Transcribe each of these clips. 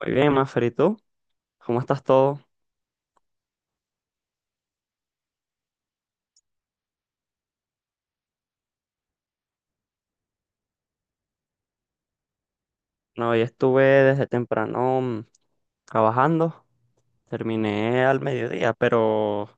Muy bien, Mafer, ¿y tú? ¿Cómo estás todo? No, hoy estuve desde temprano trabajando, terminé al mediodía, pero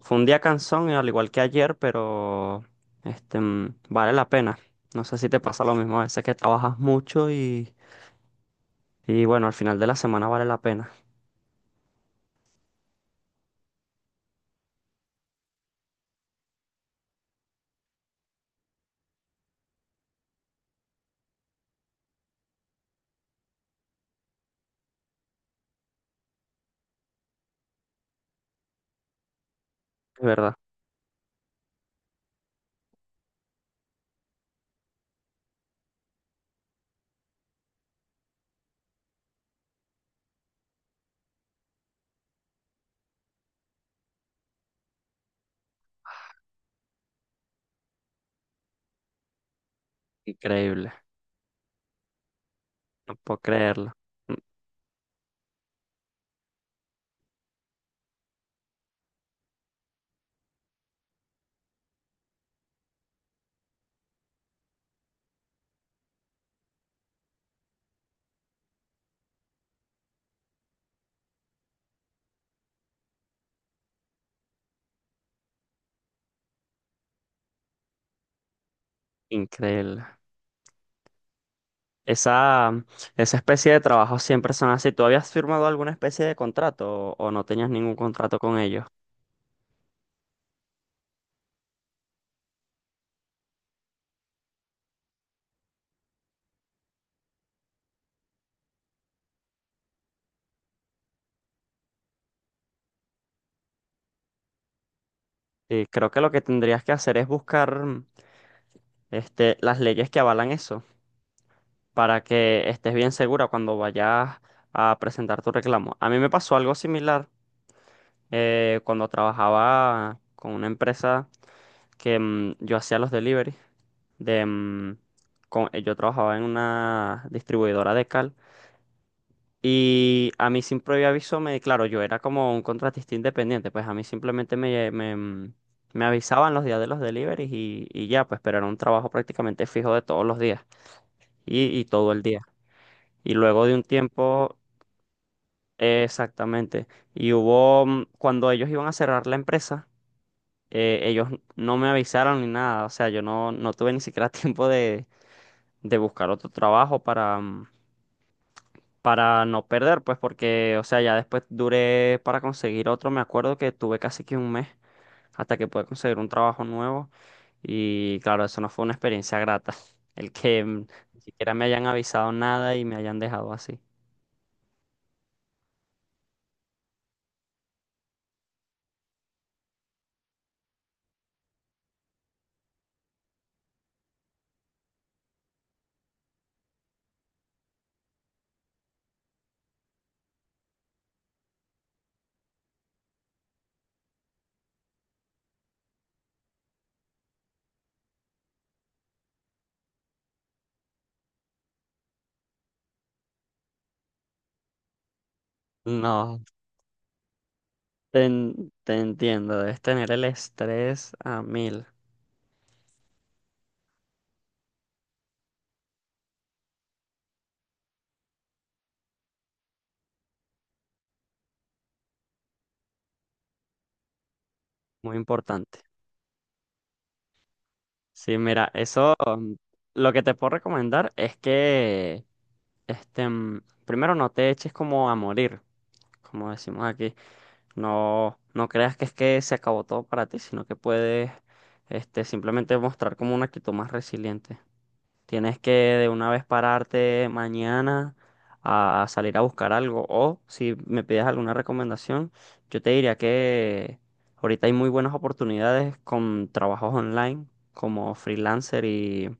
fue un día cansón, al igual que ayer, pero vale la pena. No sé si te pasa lo mismo, a veces que trabajas mucho y bueno, al final de la semana vale la pena, es verdad. Increíble, no puedo creerlo. mm, Increíble. Esa, mm, esa especie de trabajo siempre son así. ¿Tú habías firmado alguna especie de contrato o no tenías ningún contrato con ellos? Sí, creo que lo que tendrías que hacer es buscar las leyes que avalan eso, para que estés bien segura cuando vayas a presentar tu reclamo. A mí me pasó algo similar cuando trabajaba con una empresa que yo hacía los deliveries. De, mm, yo trabajaba en una distribuidora de cal. Y a mí sin previo aviso me, claro, yo era como un contratista independiente, pues a mí simplemente me avisaban los días de los deliveries y ya, pues, pero era un trabajo prácticamente fijo de todos los días y todo el día. Y luego de un tiempo, exactamente, cuando ellos iban a cerrar la empresa, ellos no me avisaron ni nada, o sea, yo no, no tuve ni siquiera tiempo de buscar otro trabajo para para no perder, pues porque, o sea, ya después duré para conseguir otro, me acuerdo que tuve casi que un mes hasta que pude conseguir un trabajo nuevo y claro, eso no fue una experiencia grata, el que ni siquiera me hayan avisado nada y me hayan dejado así. No, te entiendo, debes tener el estrés a mil, muy importante. Sí, mira, eso lo que te puedo recomendar es que primero no te eches como a morir, como decimos aquí. No, no creas que es que se acabó todo para ti, sino que puedes simplemente mostrar como una actitud más resiliente. Tienes que de una vez pararte mañana a salir a buscar algo. O si me pides alguna recomendación, yo te diría que ahorita hay muy buenas oportunidades con trabajos online, como freelancer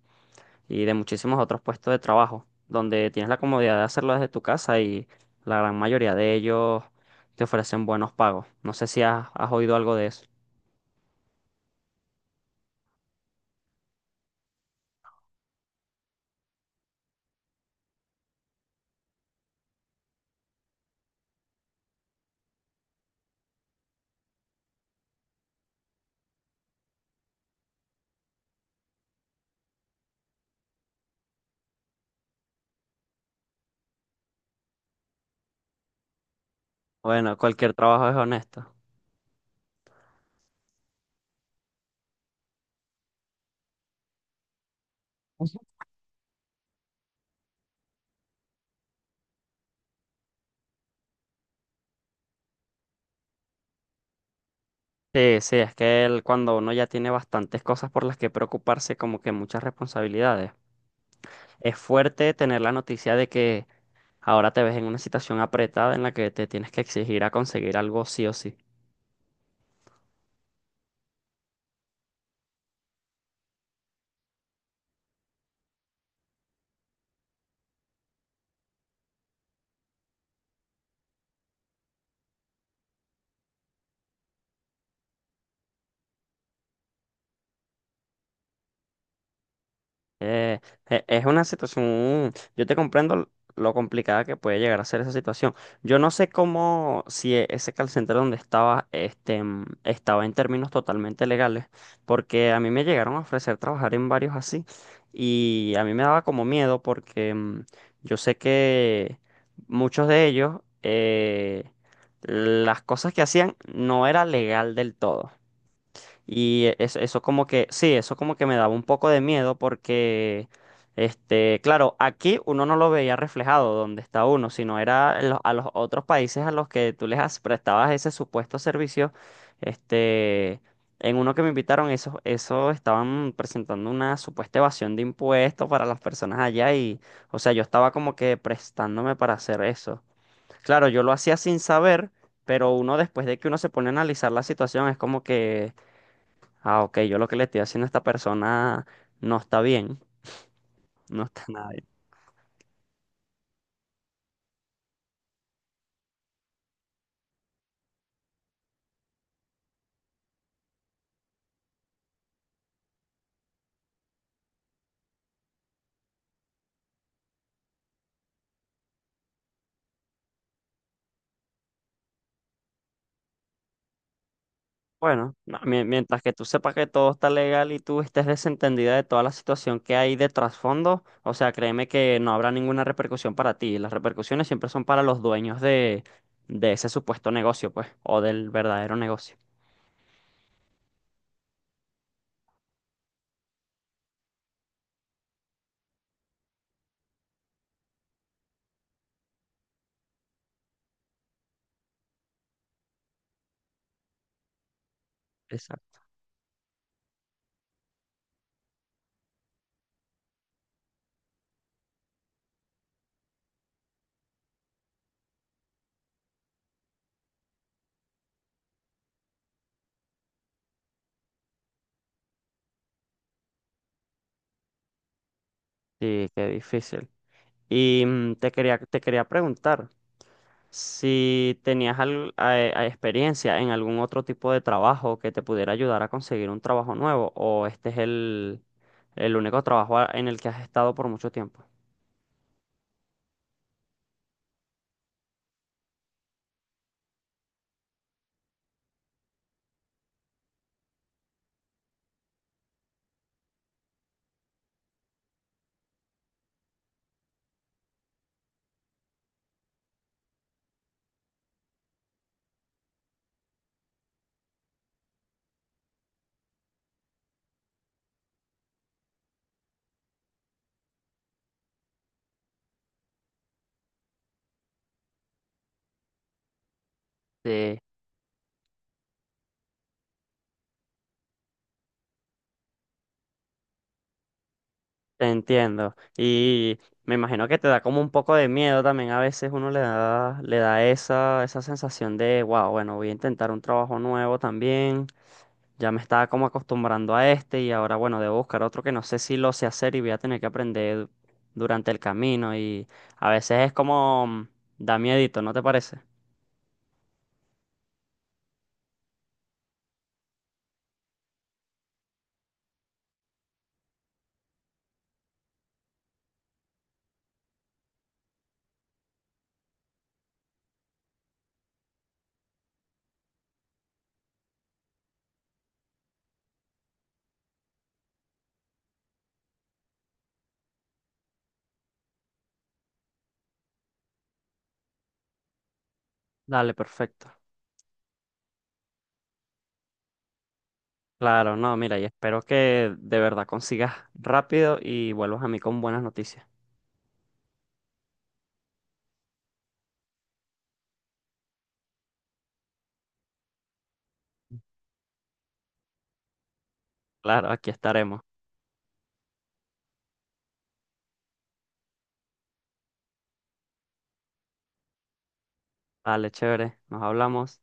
y de muchísimos otros puestos de trabajo, donde tienes la comodidad de hacerlo desde tu casa y la gran mayoría de ellos te ofrecen buenos pagos. No sé si has oído algo de eso. Bueno, cualquier trabajo es honesto. Sí, sí, es que cuando uno ya tiene bastantes cosas por las que preocuparse, como que muchas responsabilidades. Es fuerte tener la noticia de que ahora te ves en una situación apretada en la que te tienes que exigir a conseguir algo sí o sí. Eh, es una situación, yo te comprendo lo complicada que puede llegar a ser esa situación. Yo no sé cómo, si ese call center donde estaba, estaba en términos totalmente legales, porque a mí me llegaron a ofrecer trabajar en varios así y a mí me daba como miedo porque yo sé que muchos de ellos, las cosas que hacían no era legal del todo. Y eso como que, sí, eso como que me daba un poco de miedo porque, claro, aquí uno no lo veía reflejado donde está uno, sino era en a los otros países a los que tú prestabas ese supuesto servicio, este, en uno que me invitaron, eso estaban presentando una supuesta evasión de impuestos para las personas allá y, o sea, yo estaba como que prestándome para hacer eso. Claro, yo lo hacía sin saber, pero uno después de que uno se pone a analizar la situación es como que ah, ok, yo lo que le estoy haciendo a esta persona no está bien, no está nada bien. Bueno, no, mientras que tú sepas que todo está legal y tú estés desentendida de toda la situación que hay de trasfondo, o sea, créeme que no habrá ninguna repercusión para ti. Las repercusiones siempre son para los dueños de ese supuesto negocio, pues, o del verdadero negocio. Exacto. Sí, qué difícil. Y te quería preguntar. Si tenías a experiencia en algún otro tipo de trabajo que te pudiera ayudar a conseguir un trabajo nuevo, o este es el único trabajo en el que has estado por mucho tiempo. Sí, te entiendo. Y me imagino que te da como un poco de miedo también. A veces uno le da esa sensación de, wow, bueno, voy a intentar un trabajo nuevo también. Ya me estaba como acostumbrando a este y ahora, bueno, debo buscar otro que no sé si lo sé hacer y voy a tener que aprender durante el camino y a veces es como da miedito, ¿no te parece? Dale, perfecto. Claro, no, mira, y espero que de verdad consigas rápido y vuelvas a mí con buenas noticias. Claro, aquí estaremos. Dale, chévere, nos hablamos.